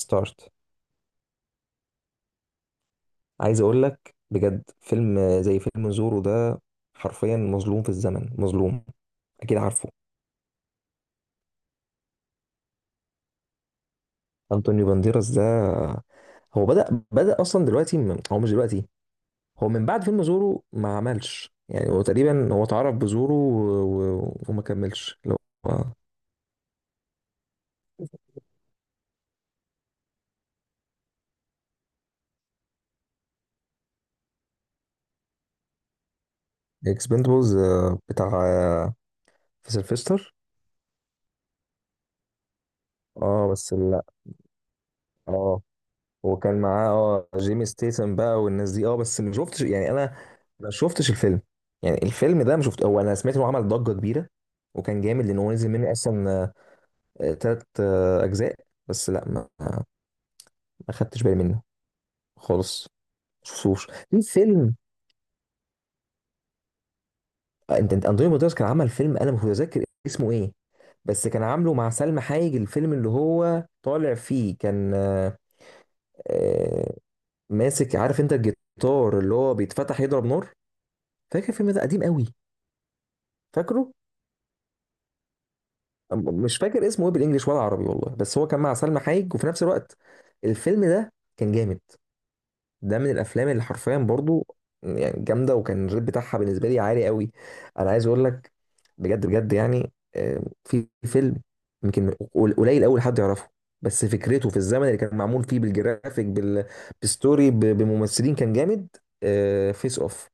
ستارت. عايز اقول لك بجد، فيلم زي فيلم زورو ده حرفيا مظلوم في الزمن، مظلوم. اكيد عارفه. انطونيو بانديراس ده، هو بدأ اصلا دلوقتي هو مش دلوقتي. هو من بعد فيلم زورو ما عملش، يعني هو تقريبا هو اتعرف بزورو وما كملش. اللي هو اكسبندبلز بتاع في سيلفستر. اه، بس لا. اه، وكان معاه جيمي ستيسن بقى والناس دي، بس ما شفتش، يعني انا ما شفتش الفيلم. يعني الفيلم ده ما شفت، هو انا سمعت انه عمل ضجة كبيرة وكان جامد، لان هو نزل منه اصلا 3 اجزاء. بس لا، ما خدتش بالي منه خالص. ما شفتوش؟ في فيلم انت انطوني بطرس كان عمل فيلم انا مش متذكر اسمه ايه، بس كان عامله مع سلمى حايج. الفيلم اللي هو طالع فيه كان آه، ماسك، عارف انت، الجيتار اللي هو بيتفتح يضرب نار. فاكر الفيلم ده؟ قديم قوي. فاكره. مش فاكر اسمه ايه بالانجلش ولا عربي، والله، بس هو كان مع سلمى حايك. وفي نفس الوقت الفيلم ده كان جامد. ده من الافلام اللي حرفيا برضو، يعني جامده، وكان الريت بتاعها بالنسبه لي عالي قوي. انا عايز اقول لك بجد بجد، يعني في فيلم يمكن قليل قوي حد يعرفه. بس فكرته في الزمن اللي كان معمول فيه، بالجرافيك، بالستوري، بممثلين، كان جامد. فيس اوف.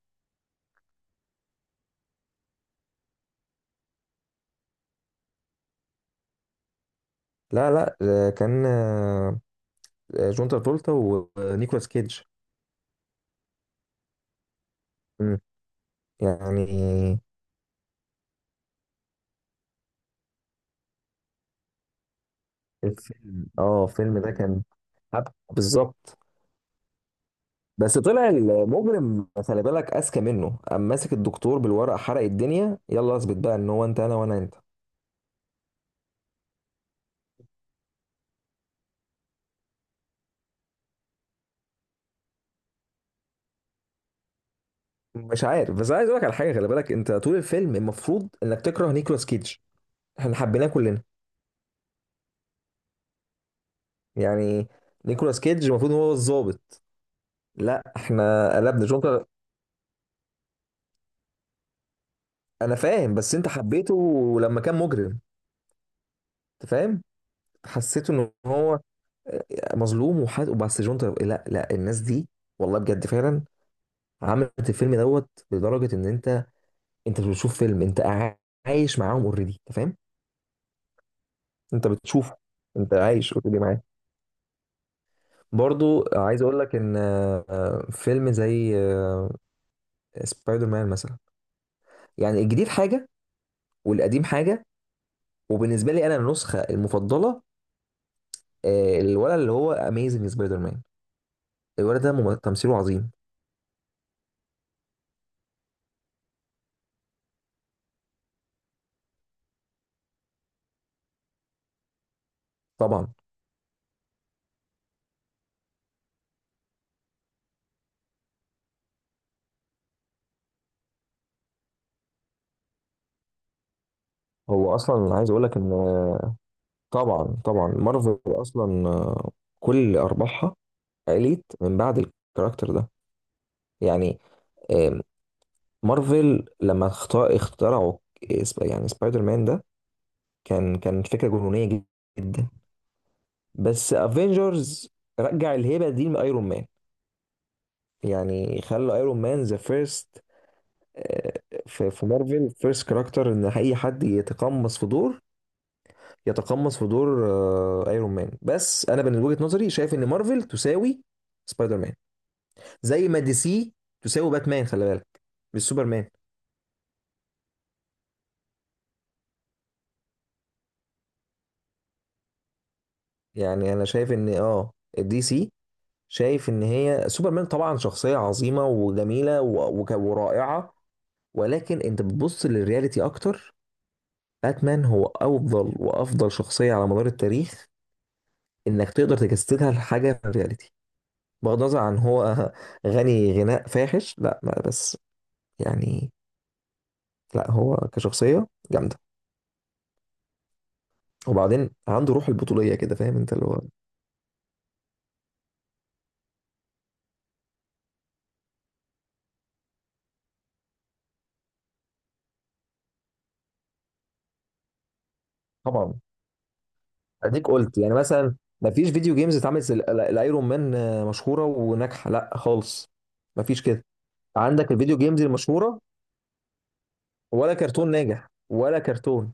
لا، لا، كان جون ترافولتا ونيكولاس كيدج. يعني الفيلم ده كان حب. بالظبط. بس طلع المجرم، خلي بالك، اذكى منه. قام ماسك الدكتور بالورقه، حرق الدنيا، يلا اثبت بقى ان هو انت انا وانا انت. مش عارف. بس عايز اقول لك على حاجه، خلي بالك، انت طول الفيلم المفروض انك تكره نيكولاس كيدج، احنا حبيناه كلنا. يعني نيكولاس كيدج المفروض إن هو الظابط. لا، احنا قلبنا شو انت. انا فاهم، بس انت حبيته لما كان مجرم، انت فاهم. حسيته ان هو مظلوم وحد. وبس لا، لا، الناس دي والله بجد فعلا عملت الفيلم دوت لدرجه ان انت مش بتشوف فيلم، انت عايش معاهم اوريدي، انت فاهم. انت بتشوفه، انت عايش اوريدي معاه. برضو عايز اقول لك ان فيلم زي سبايدر مان مثلا، يعني الجديد حاجه والقديم حاجه، وبالنسبه لي انا النسخه المفضله الولد اللي هو اميزنج سبايدر مان. الولد ده تمثيله عظيم طبعا. هو اصلا عايز اقول لك ان طبعا طبعا، مارفل اصلا كل ارباحها قليت من بعد الكاركتر ده، يعني. آم، مارفل لما اخترعوا يعني سبايدر مان ده، كان فكره جنونيه جدا. بس افنجرز رجع الهيبه دي لايرون مان، يعني خلى ايرون مان ذا فيرست في مارفل، فيرست كاركتر ان اي حد يتقمص في دور، يتقمص في دور ايرون مان. بس انا من وجهه نظري شايف ان مارفل تساوي سبايدر مان، زي ما دي سي تساوي باتمان، خلي بالك، مش سوبرمان. يعني انا شايف ان دي سي، شايف ان هي سوبرمان طبعا شخصية عظيمة وجميلة ورائعة. ولكن انت بتبص للرياليتي اكتر. باتمان هو افضل وافضل شخصية على مدار التاريخ، انك تقدر تجسدها لحاجة في الرياليتي. بغض النظر عن هو غني غناء فاحش. لا، ما بس يعني. لا هو كشخصية جامدة. وبعدين عنده روح البطولية كده، فاهم انت اللي هو. طبعا اديك قلت يعني مثلا، ما فيش فيديو جيمز اتعملت زي الايرون مان مشهوره وناجحه، لا خالص. ما فيش كده، عندك الفيديو جيمز المشهوره، ولا كرتون ناجح، ولا كرتون.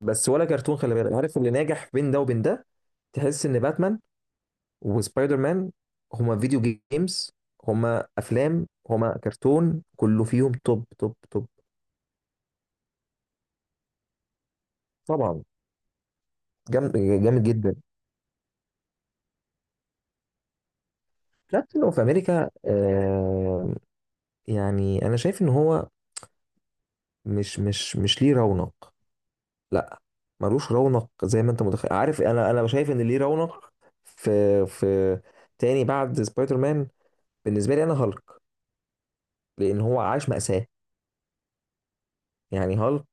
بس ولا كرتون، خلي بالك، عارف اللي ناجح بين ده وبين ده. تحس ان باتمان وسبايدر مان هما فيديو جيمز، هما افلام، هما كرتون، كله فيهم توب توب توب. طبعا جامد، جامد جدا. كابتن اوف امريكا. يعني انا شايف ان هو مش ليه رونق. لا، ملوش رونق زي ما انت متخيل، عارف، انا شايف ان ليه رونق في في تاني بعد سبايدر مان، بالنسبه لي انا، هالك، لان هو عاش مأساة. يعني هالك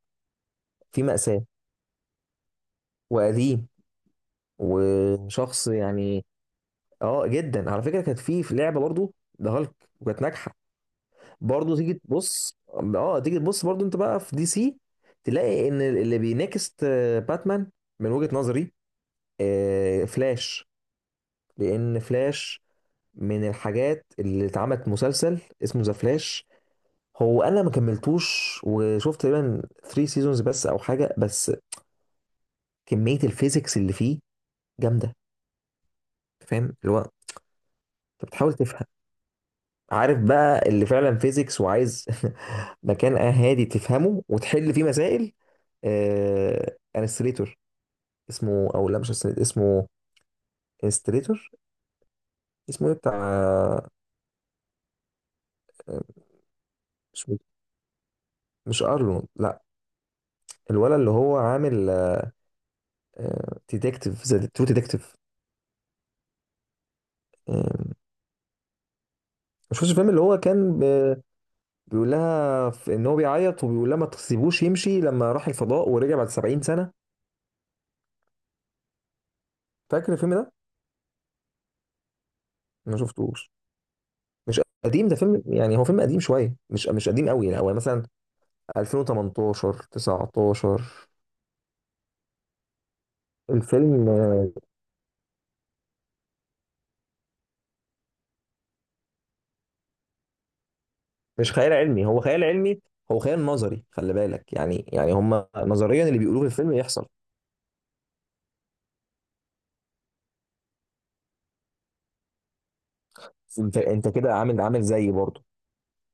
في مأساة، وقديم، وشخص يعني. اه جدا، على فكره كانت في لعبه برضو، ده هالك، وكانت ناجحه. برضو تيجي تبص برضو، انت بقى في دي سي تلاقي ان اللي بينافس باتمان من وجهه نظري فلاش. لان فلاش من الحاجات اللي اتعملت، مسلسل اسمه ذا فلاش، هو انا ما كملتوش، وشفت تقريبا 3 سيزونز بس او حاجه. بس كميه الفيزيكس اللي فيه جامده. فاهم اللي هو انت بتحاول تفهم، عارف بقى اللي فعلا فيزيكس وعايز مكان هادي تفهمه وتحل فيه مسائل. انستريتور اسمه، او لا، مش انستريتور، اسمه انستريتور، اسمه ايه بتاع، مش مش ارلون، لا، الولد اللي هو عامل ديتكتيف، ذا ترو ديتكتيف. يعني مش فاكر الفيلم اللي هو كان بيقول لها ان هو بيعيط وبيقول لها ما تسيبوش يمشي، لما راح الفضاء ورجع بعد 70 سنة. فاكر الفيلم ده؟ ما شفتوش. مش قديم، ده فيلم يعني هو فيلم قديم شوية، مش قديم قوي، يعني هو مثلا 2018 19. الفيلم مش خيال علمي، هو خيال علمي، هو خيال نظري، خلي بالك، يعني هم نظريا اللي بيقولوه في الفيلم يحصل. انت كده عامل عامل زيي برضه،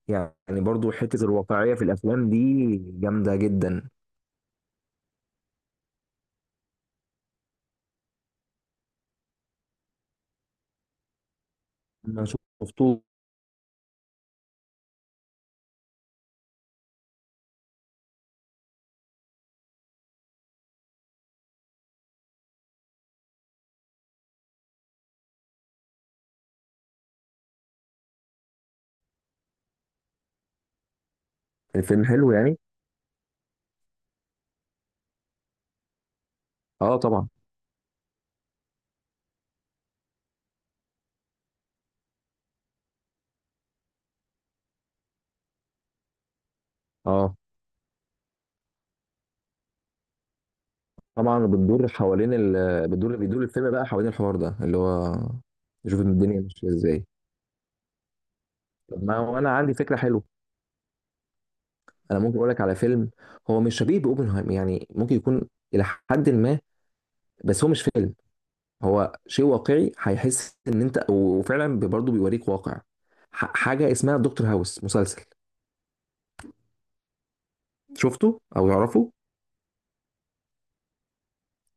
يعني. برضه حتة الواقعية في الأفلام دي جامدة جدا. انا شفته. فيلم حلو يعني. اه طبعا، اه طبعا بتدور، بيدور الفيلم بقى حوالين الحوار ده اللي هو نشوف الدنيا ماشيه ازاي. طب ما هو انا عندي فكره حلوه. انا ممكن اقول لك على فيلم، هو مش شبيه باوبنهايمر، يعني ممكن يكون الى حد ما، بس هو مش فيلم، هو شيء واقعي هيحس ان انت، وفعلا برضه بيوريك واقع. حاجه اسمها دكتور هاوس، مسلسل. شفته او تعرفه؟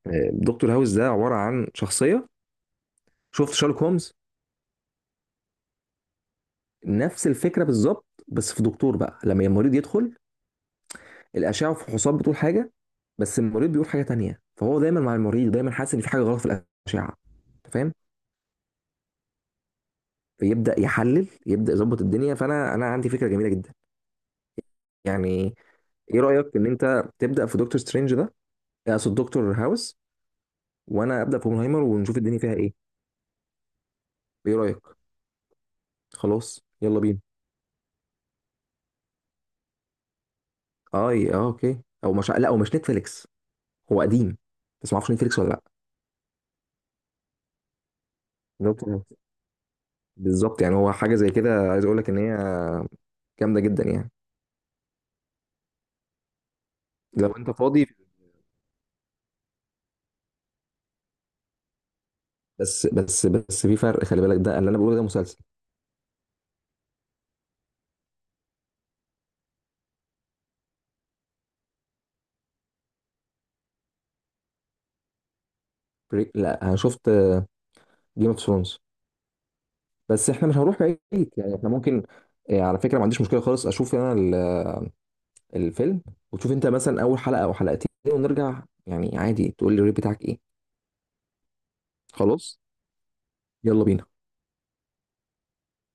دكتور هاوس ده عباره عن شخصيه. شفت شارلوك هومز؟ نفس الفكره بالظبط، بس في دكتور بقى لما المريض يدخل، الاشعه والفحوصات بتقول حاجه، بس المريض بيقول حاجه تانية، فهو دايما مع المريض دايما حاسس ان في حاجه غلط في الاشعه، أنت فاهم. فيبدا يحلل، يبدا يظبط الدنيا. فانا عندي فكره جميله جدا، يعني ايه رايك ان انت تبدا في دكتور سترينج ده، اقصد دكتور هاوس، وانا ابدا في اوبنهايمر ونشوف الدنيا فيها ايه؟ ايه رايك؟ خلاص يلا بينا. اه، اه، اوكي. او مش، لا، او مش نتفليكس، هو قديم، بس ما اعرفش نتفليكس ولا لا. دكتور، بالظبط، يعني هو حاجه زي كده عايز اقول لك ان هي جامده جدا يعني، لو انت فاضي. بس في فرق خلي بالك، ده اللي انا بقوله ده مسلسل. لا انا شفت جيم اوف ثرونز. بس احنا مش هنروح بعيد، يعني احنا ممكن. على فكره ما عنديش مشكله خالص، اشوف انا الفيلم، وتشوف انت مثلا اول حلقه او حلقتين ونرجع، يعني عادي، تقول لي الريت بتاعك ايه. خلاص يلا بينا.